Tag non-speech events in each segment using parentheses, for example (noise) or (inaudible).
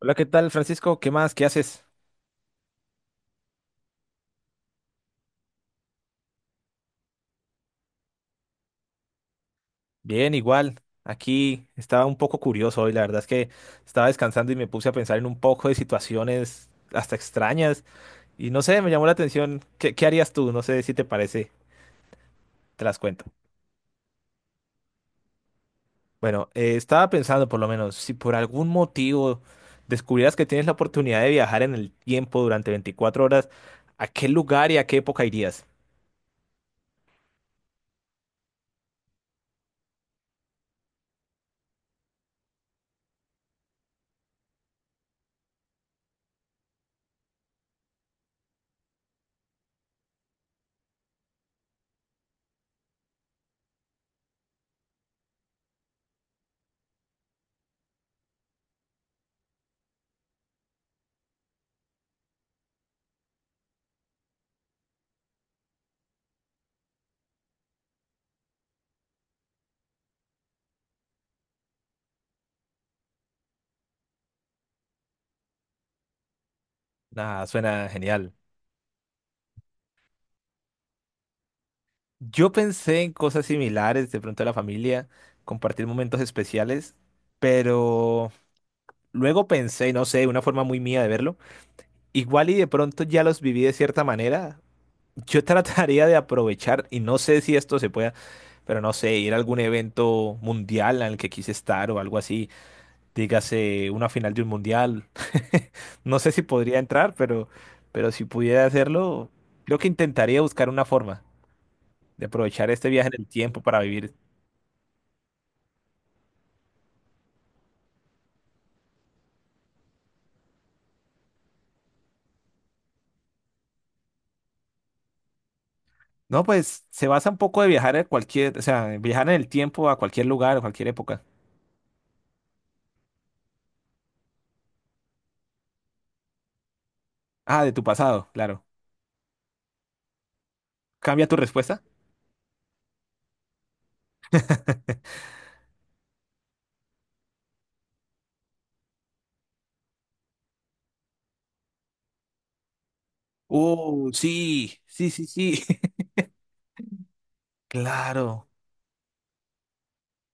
Hola, ¿qué tal, Francisco? ¿Qué más? ¿Qué haces? Bien, igual. Aquí estaba un poco curioso hoy. La verdad es que estaba descansando y me puse a pensar en un poco de situaciones hasta extrañas. Y no sé, me llamó la atención. ¿Qué harías tú? No sé si te parece. Te las cuento. Bueno, estaba pensando por lo menos, si por algún motivo descubrieras que tienes la oportunidad de viajar en el tiempo durante 24 horas, ¿a qué lugar y a qué época irías? Nada, suena genial. Yo pensé en cosas similares, de pronto la familia, compartir momentos especiales, pero luego pensé, no sé, una forma muy mía de verlo, igual y de pronto ya los viví de cierta manera, yo (laughs) trataría de aprovechar, y no sé si esto se pueda, pero no sé, ir a algún evento mundial en el que quise estar o algo así, dígase una final de un mundial, (laughs) no sé si podría entrar, pero si pudiera hacerlo, creo que intentaría buscar una forma de aprovechar este viaje en el tiempo para vivir. No, pues se basa un poco de viajar a cualquier, o sea, viajar en el tiempo a cualquier lugar, a cualquier época. Ah, de tu pasado, claro. ¿Cambia tu respuesta? Oh, sí, sí, sí, sí. (laughs) Claro,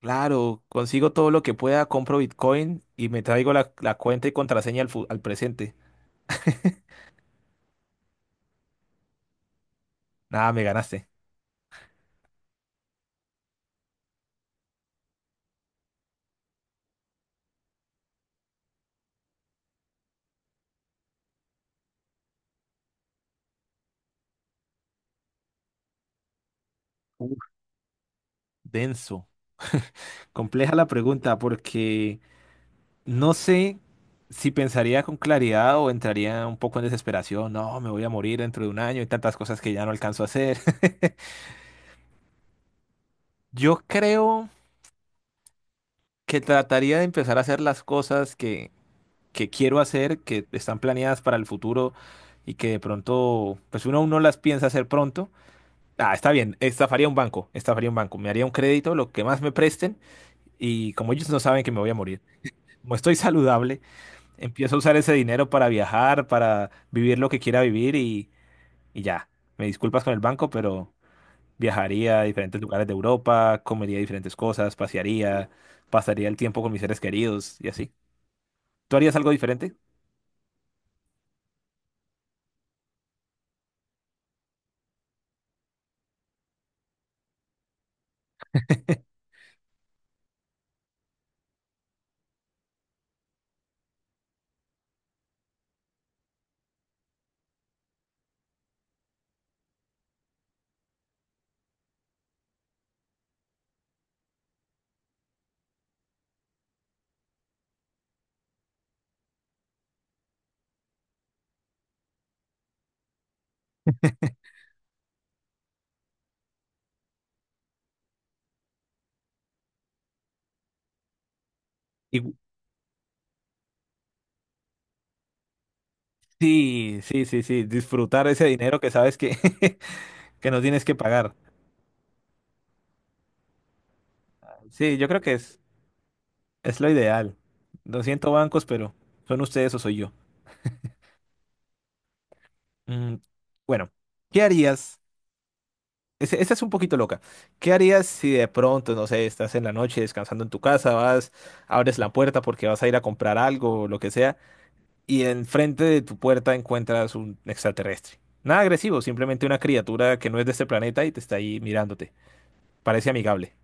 claro. Consigo todo lo que pueda, compro Bitcoin y me traigo la cuenta y contraseña al, al presente. Nada, me ganaste. Uf, denso. Compleja la pregunta porque no sé si pensaría con claridad o entraría un poco en desesperación. No, me voy a morir dentro de un año y tantas cosas que ya no alcanzo a hacer. (laughs) Yo creo que trataría de empezar a hacer las cosas que quiero hacer, que están planeadas para el futuro y que de pronto, pues uno aún no las piensa hacer pronto. Ah, está bien, estafaría un banco, me haría un crédito, lo que más me presten y como ellos no saben que me voy a morir, como estoy saludable. Empiezo a usar ese dinero para viajar, para vivir lo que quiera vivir y ya. Me disculpas con el banco, pero viajaría a diferentes lugares de Europa, comería diferentes cosas, pasearía, pasaría el tiempo con mis seres queridos y así. ¿Tú harías algo diferente? Y, sí, sí, sí, sí, disfrutar ese dinero que sabes que, (laughs) que no tienes que pagar. Sí, yo creo que es lo ideal. Lo siento, bancos, pero son ustedes o soy yo. Mm, bueno, ¿qué harías? Esta es un poquito loca. ¿Qué harías si de pronto, no sé, estás en la noche descansando en tu casa, vas, abres la puerta porque vas a ir a comprar algo o lo que sea, y enfrente de tu puerta encuentras un extraterrestre? Nada agresivo, simplemente una criatura que no es de este planeta y te está ahí mirándote. Parece amigable.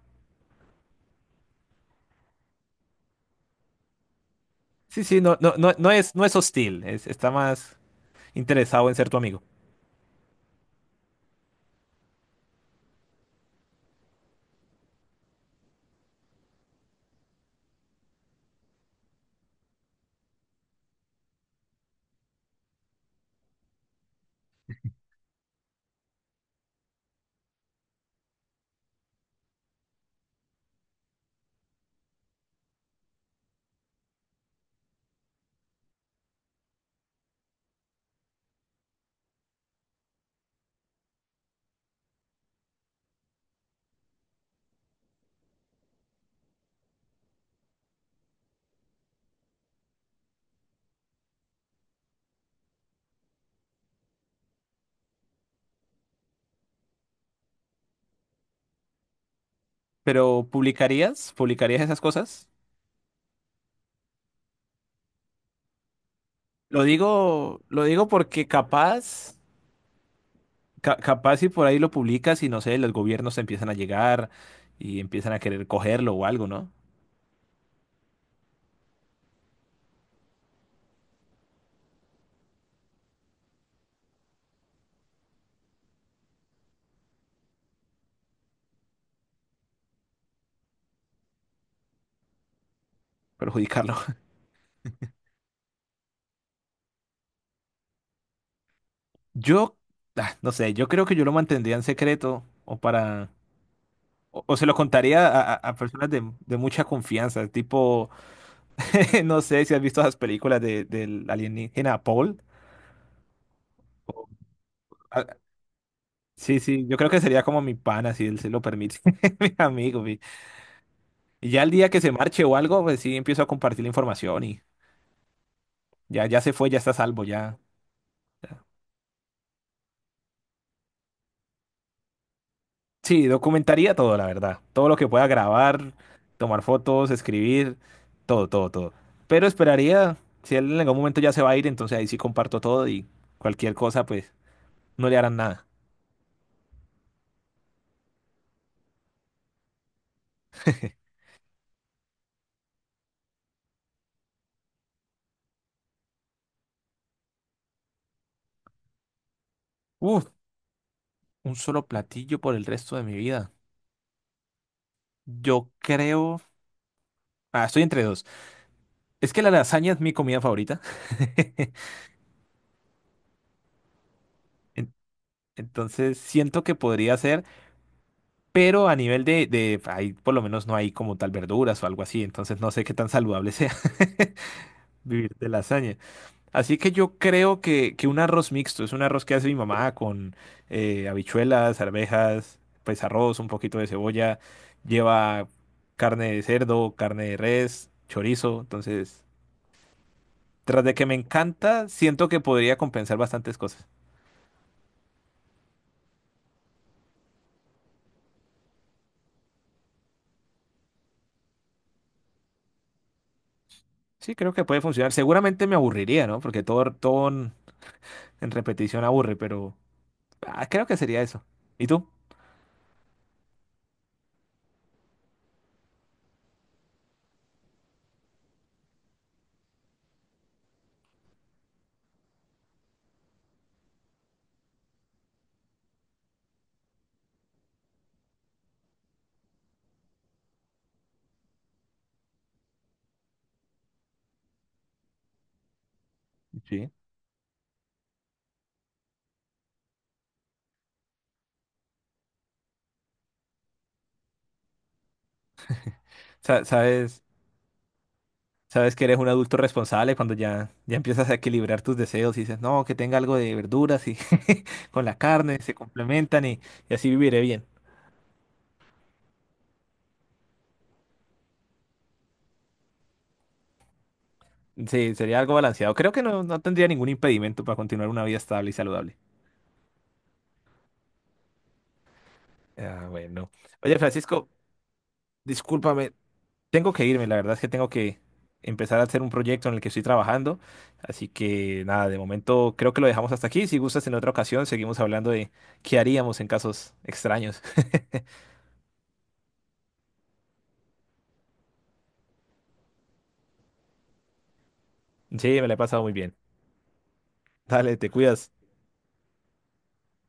Sí, sí, no, no, no, no es hostil, está más interesado en ser tu amigo. Pero ¿publicarías? ¿Publicarías esas cosas? Lo digo porque capaz. Capaz si por ahí lo publicas y no sé, los gobiernos te empiezan a llegar y empiezan a querer cogerlo o algo, ¿no? Perjudicarlo. (laughs) Yo, ah, no sé, yo creo que yo lo mantendría en secreto o para... O, o se lo contaría a, a personas de mucha confianza, tipo, (laughs) no sé si has visto esas películas de, del alienígena Paul. Ah, sí, sí, yo creo que sería como mi pana, si él se lo permite, (laughs) mi amigo. Y ya el día que se marche o algo, pues sí, empiezo a compartir la información y ya, ya se fue, ya está a salvo, ya. Sí, documentaría todo, la verdad. Todo lo que pueda grabar, tomar fotos, escribir, todo, todo, todo. Pero esperaría, si él en algún momento ya se va a ir, entonces ahí sí comparto todo y cualquier cosa, pues no le harán nada. (laughs) Uf, un solo platillo por el resto de mi vida. Yo creo... Ah, estoy entre dos. Es que la lasaña es mi comida favorita. (laughs) En- Entonces siento que podría ser, pero a nivel de... Ahí por lo menos no hay como tal verduras o algo así, entonces no sé qué tan saludable sea. (laughs) Vivir de lasaña. Así que yo creo que un arroz mixto es un arroz que hace mi mamá con habichuelas, arvejas, pues arroz, un poquito de cebolla, lleva carne de cerdo, carne de res, chorizo. Entonces, tras de que me encanta, siento que podría compensar bastantes cosas. Sí, creo que puede funcionar. Seguramente me aburriría, ¿no? Porque todo, todo en repetición aburre, pero ah, creo que sería eso. ¿Y tú? Sí. ¿Sabes? Sabes que eres un adulto responsable cuando ya, ya empiezas a equilibrar tus deseos y dices, no, que tenga algo de verduras y (laughs) con la carne se complementan y así viviré bien. Sí, sería algo balanceado. Creo que no, no tendría ningún impedimento para continuar una vida estable y saludable. Ah, bueno. Oye, Francisco, discúlpame, tengo que irme. La verdad es que tengo que empezar a hacer un proyecto en el que estoy trabajando. Así que nada, de momento creo que lo dejamos hasta aquí. Si gustas, en otra ocasión seguimos hablando de qué haríamos en casos extraños. (laughs) Sí, me la he pasado muy bien. Dale, te cuidas.